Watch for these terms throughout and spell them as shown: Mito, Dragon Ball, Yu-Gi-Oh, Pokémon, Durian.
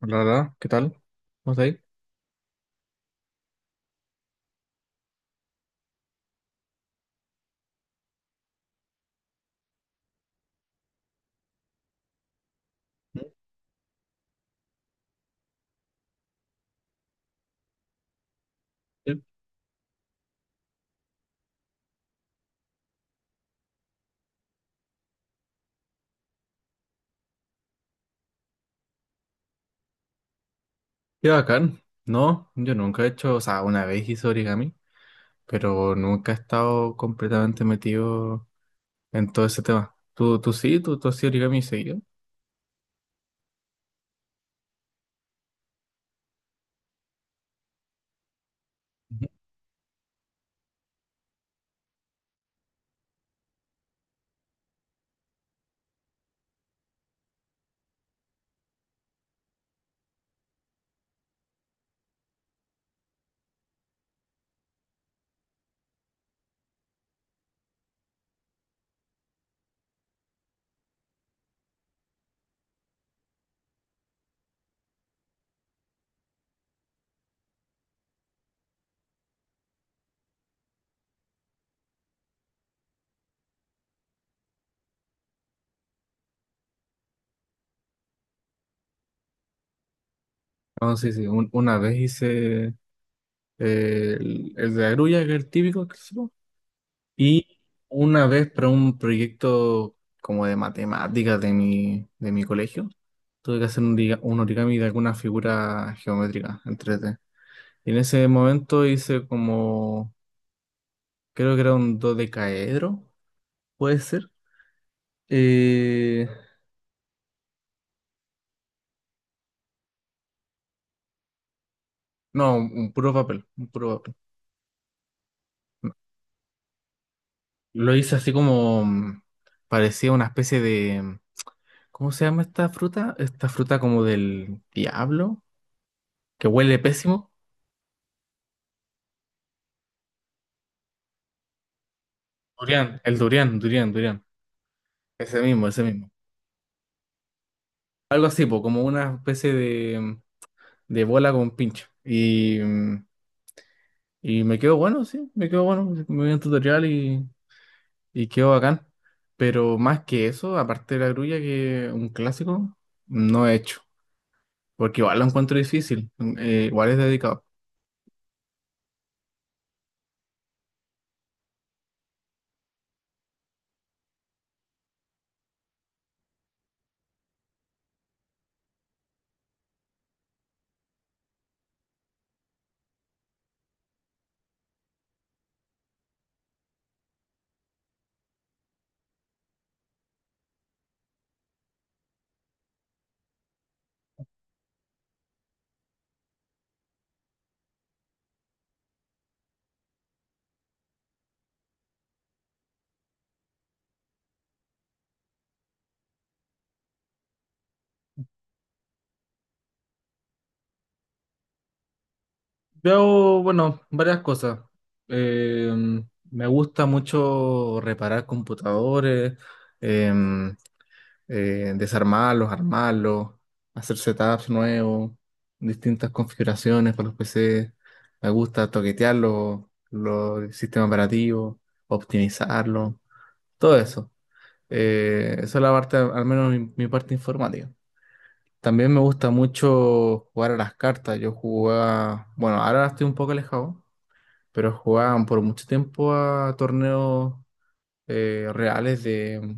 Hola, hola, ¿qué tal? ¿Cómo estás ahí? Qué qué bacán. No, yo nunca he hecho, o sea, una vez hice origami, pero nunca he estado completamente metido en todo ese tema. ¿Tú sí? ¿Tú has origami seguido? Ujú. No, sí, sí. Una vez hice el de la grulla, que es el típico, que hicimos, y una vez para un proyecto como de matemáticas de mi colegio, tuve que hacer un, un origami de alguna figura geométrica en tres d. Y en ese momento hice como, creo que era un dodecaedro, puede ser. Eh, no, un puro papel, un puro papel. Lo hice así como, parecía una especie de, ¿cómo se llama esta fruta? Esta fruta como del diablo, que huele pésimo. Durian, el durian, durian, durian. Ese mismo, ese mismo. Algo así, po, como una especie de, de bola con pincho. Y, y me quedó bueno, sí, me quedó bueno. Me vi un tutorial y quedó bacán. Pero más que eso, aparte de la grulla, que un clásico, no he hecho. Porque igual lo encuentro difícil, igual es dedicado. Yo hago, bueno, varias cosas. Eh, me gusta mucho reparar computadores, em, desarmarlos, armarlos, hacer setups nuevos, distintas configuraciones para los PC. Me gusta toquetear los sistemas operativos, optimizarlos, todo eso. Esa es la parte, al menos mi, mi parte informática. También me gusta mucho jugar a las cartas. Yo jugaba, bueno, ahora estoy un poco alejado, pero jugaban por mucho tiempo a torneos reales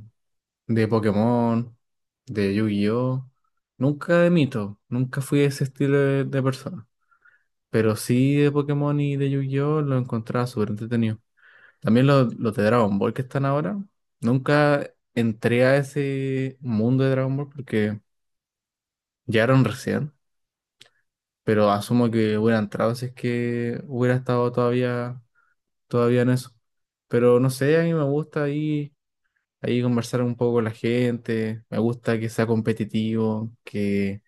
de Pokémon, de Yu-Gi-Oh! Nunca de Mito, nunca fui ese estilo de persona. Pero sí de Pokémon y de Yu-Gi-Oh! Lo encontraba súper entretenido. También los de Dragon Ball que están ahora. Nunca entré a ese mundo de Dragon Ball porque llegaron recién, pero asumo que hubiera entrado si es que hubiera estado todavía, todavía en eso. Pero no sé, a mí me gusta ahí, ahí conversar un poco con la gente, me gusta que sea competitivo,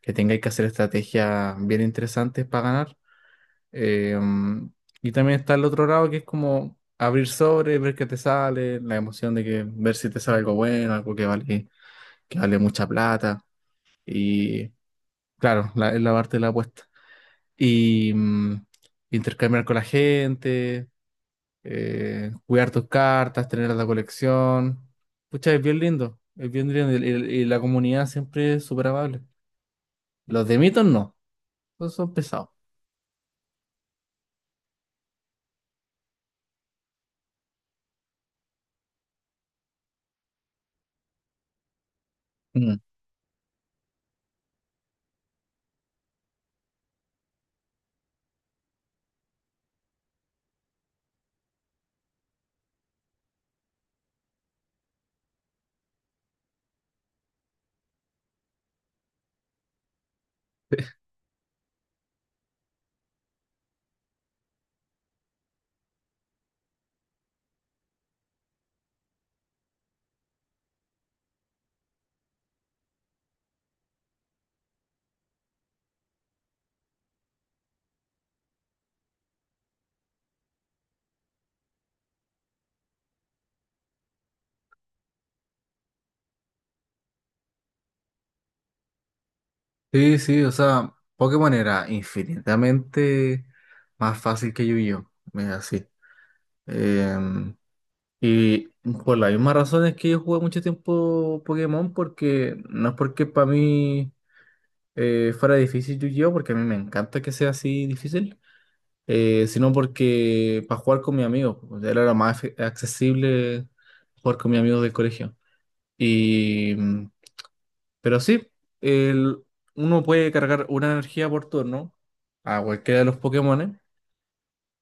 que tengáis que hacer estrategias bien interesantes para ganar. Eh, mm, y también está el otro lado que es como abrir sobre, ver qué te sale, la emoción de que ver si te sale algo bueno, algo que vale mucha plata. Y claro, la, es la parte de la apuesta. Y intercambiar con la gente, cuidar tus cartas, tener la colección. Pucha, es bien lindo, es bien lindo. Y, y la comunidad siempre es súper amable. Los de mitos no, esos son pesados. Sí, sí, o sea, Pokémon era infinitamente más fácil que Yu-Gi-Oh! Es así. Em, y por la misma razón es que yo jugué mucho tiempo Pokémon, porque no es porque para mí fuera difícil Yu-Gi-Oh! Porque a mí me encanta que sea así difícil, sino porque para jugar con mis amigos, pues, era lo más accesible jugar con mis amigos del colegio. Y. mm, Pero sí, el, uno puede cargar una energía por turno a cualquiera de los Pokémones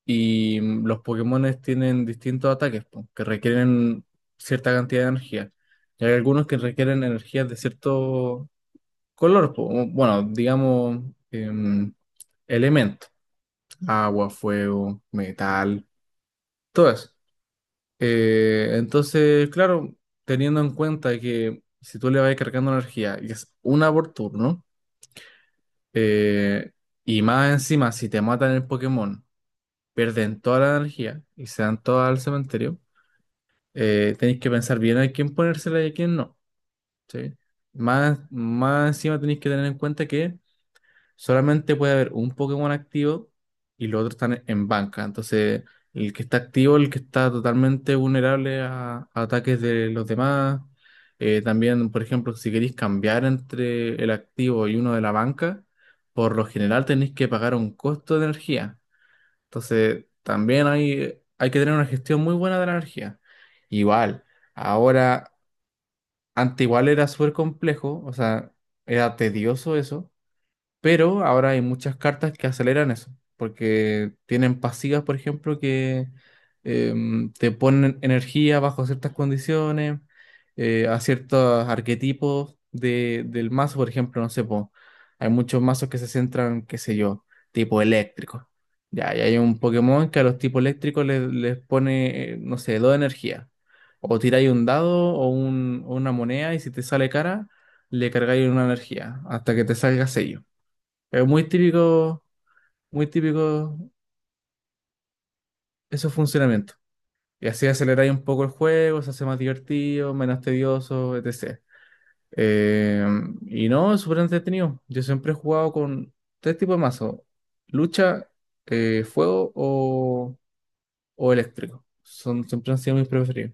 y los Pokémones tienen distintos ataques po, que requieren cierta cantidad de energía. Y hay algunos que requieren energías de cierto color, po, o, bueno, digamos, em, elemento, agua, fuego, metal, todo eso. Entonces, claro, teniendo en cuenta que si tú le vas cargando energía y es una por turno, Eh, y más encima, si te matan el Pokémon, pierden toda la energía y se dan toda al cementerio. Tenéis que pensar bien a quién ponérsela y a quién no. ¿Sí? Más, más encima tenéis que tener en cuenta que solamente puede haber un Pokémon activo y los otros están en banca. Entonces, el que está activo, el que está totalmente vulnerable a ataques de los demás. También, por ejemplo, si queréis cambiar entre el activo y uno de la banca, por lo general tenéis que pagar un costo de energía. Entonces, también hay que tener una gestión muy buena de la energía. Igual, ahora, antes igual era súper complejo, o sea, era tedioso eso, pero ahora hay muchas cartas que aceleran eso, porque tienen pasivas, por ejemplo, que te ponen energía bajo ciertas condiciones, a ciertos arquetipos del mazo, por ejemplo, no sé, po, hay muchos mazos que se centran, qué sé yo, tipo eléctrico. Ya, y hay un Pokémon que a los tipos eléctricos les, les pone, no sé, dos energía. O tiráis un dado o, o una moneda y si te sale cara, le cargáis una energía hasta que te salga sello. Es muy típico esos funcionamientos. Y así aceleráis un poco el juego, se hace más divertido, menos tedioso, etc. Eh, y no, es súper entretenido. Yo siempre he jugado con tres tipos de mazo. Lucha, fuego o eléctrico. Son, siempre han sido mis preferidos.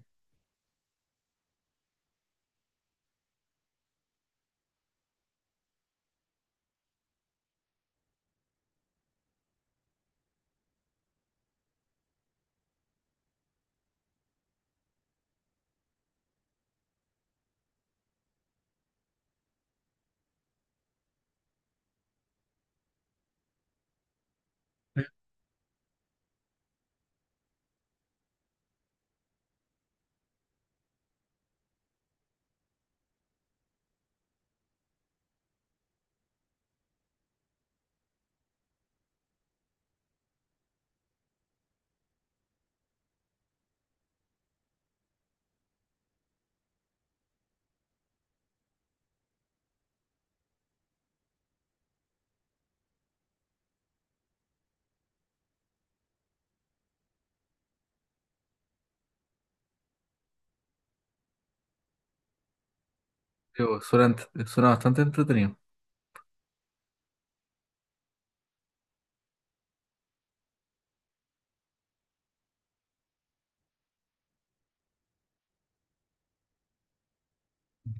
Digo, suena, suena bastante entretenido.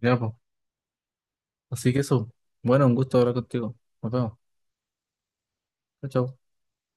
Ya, po. Así que eso. Bueno, un gusto hablar contigo. Nos vemos. Chao, chao.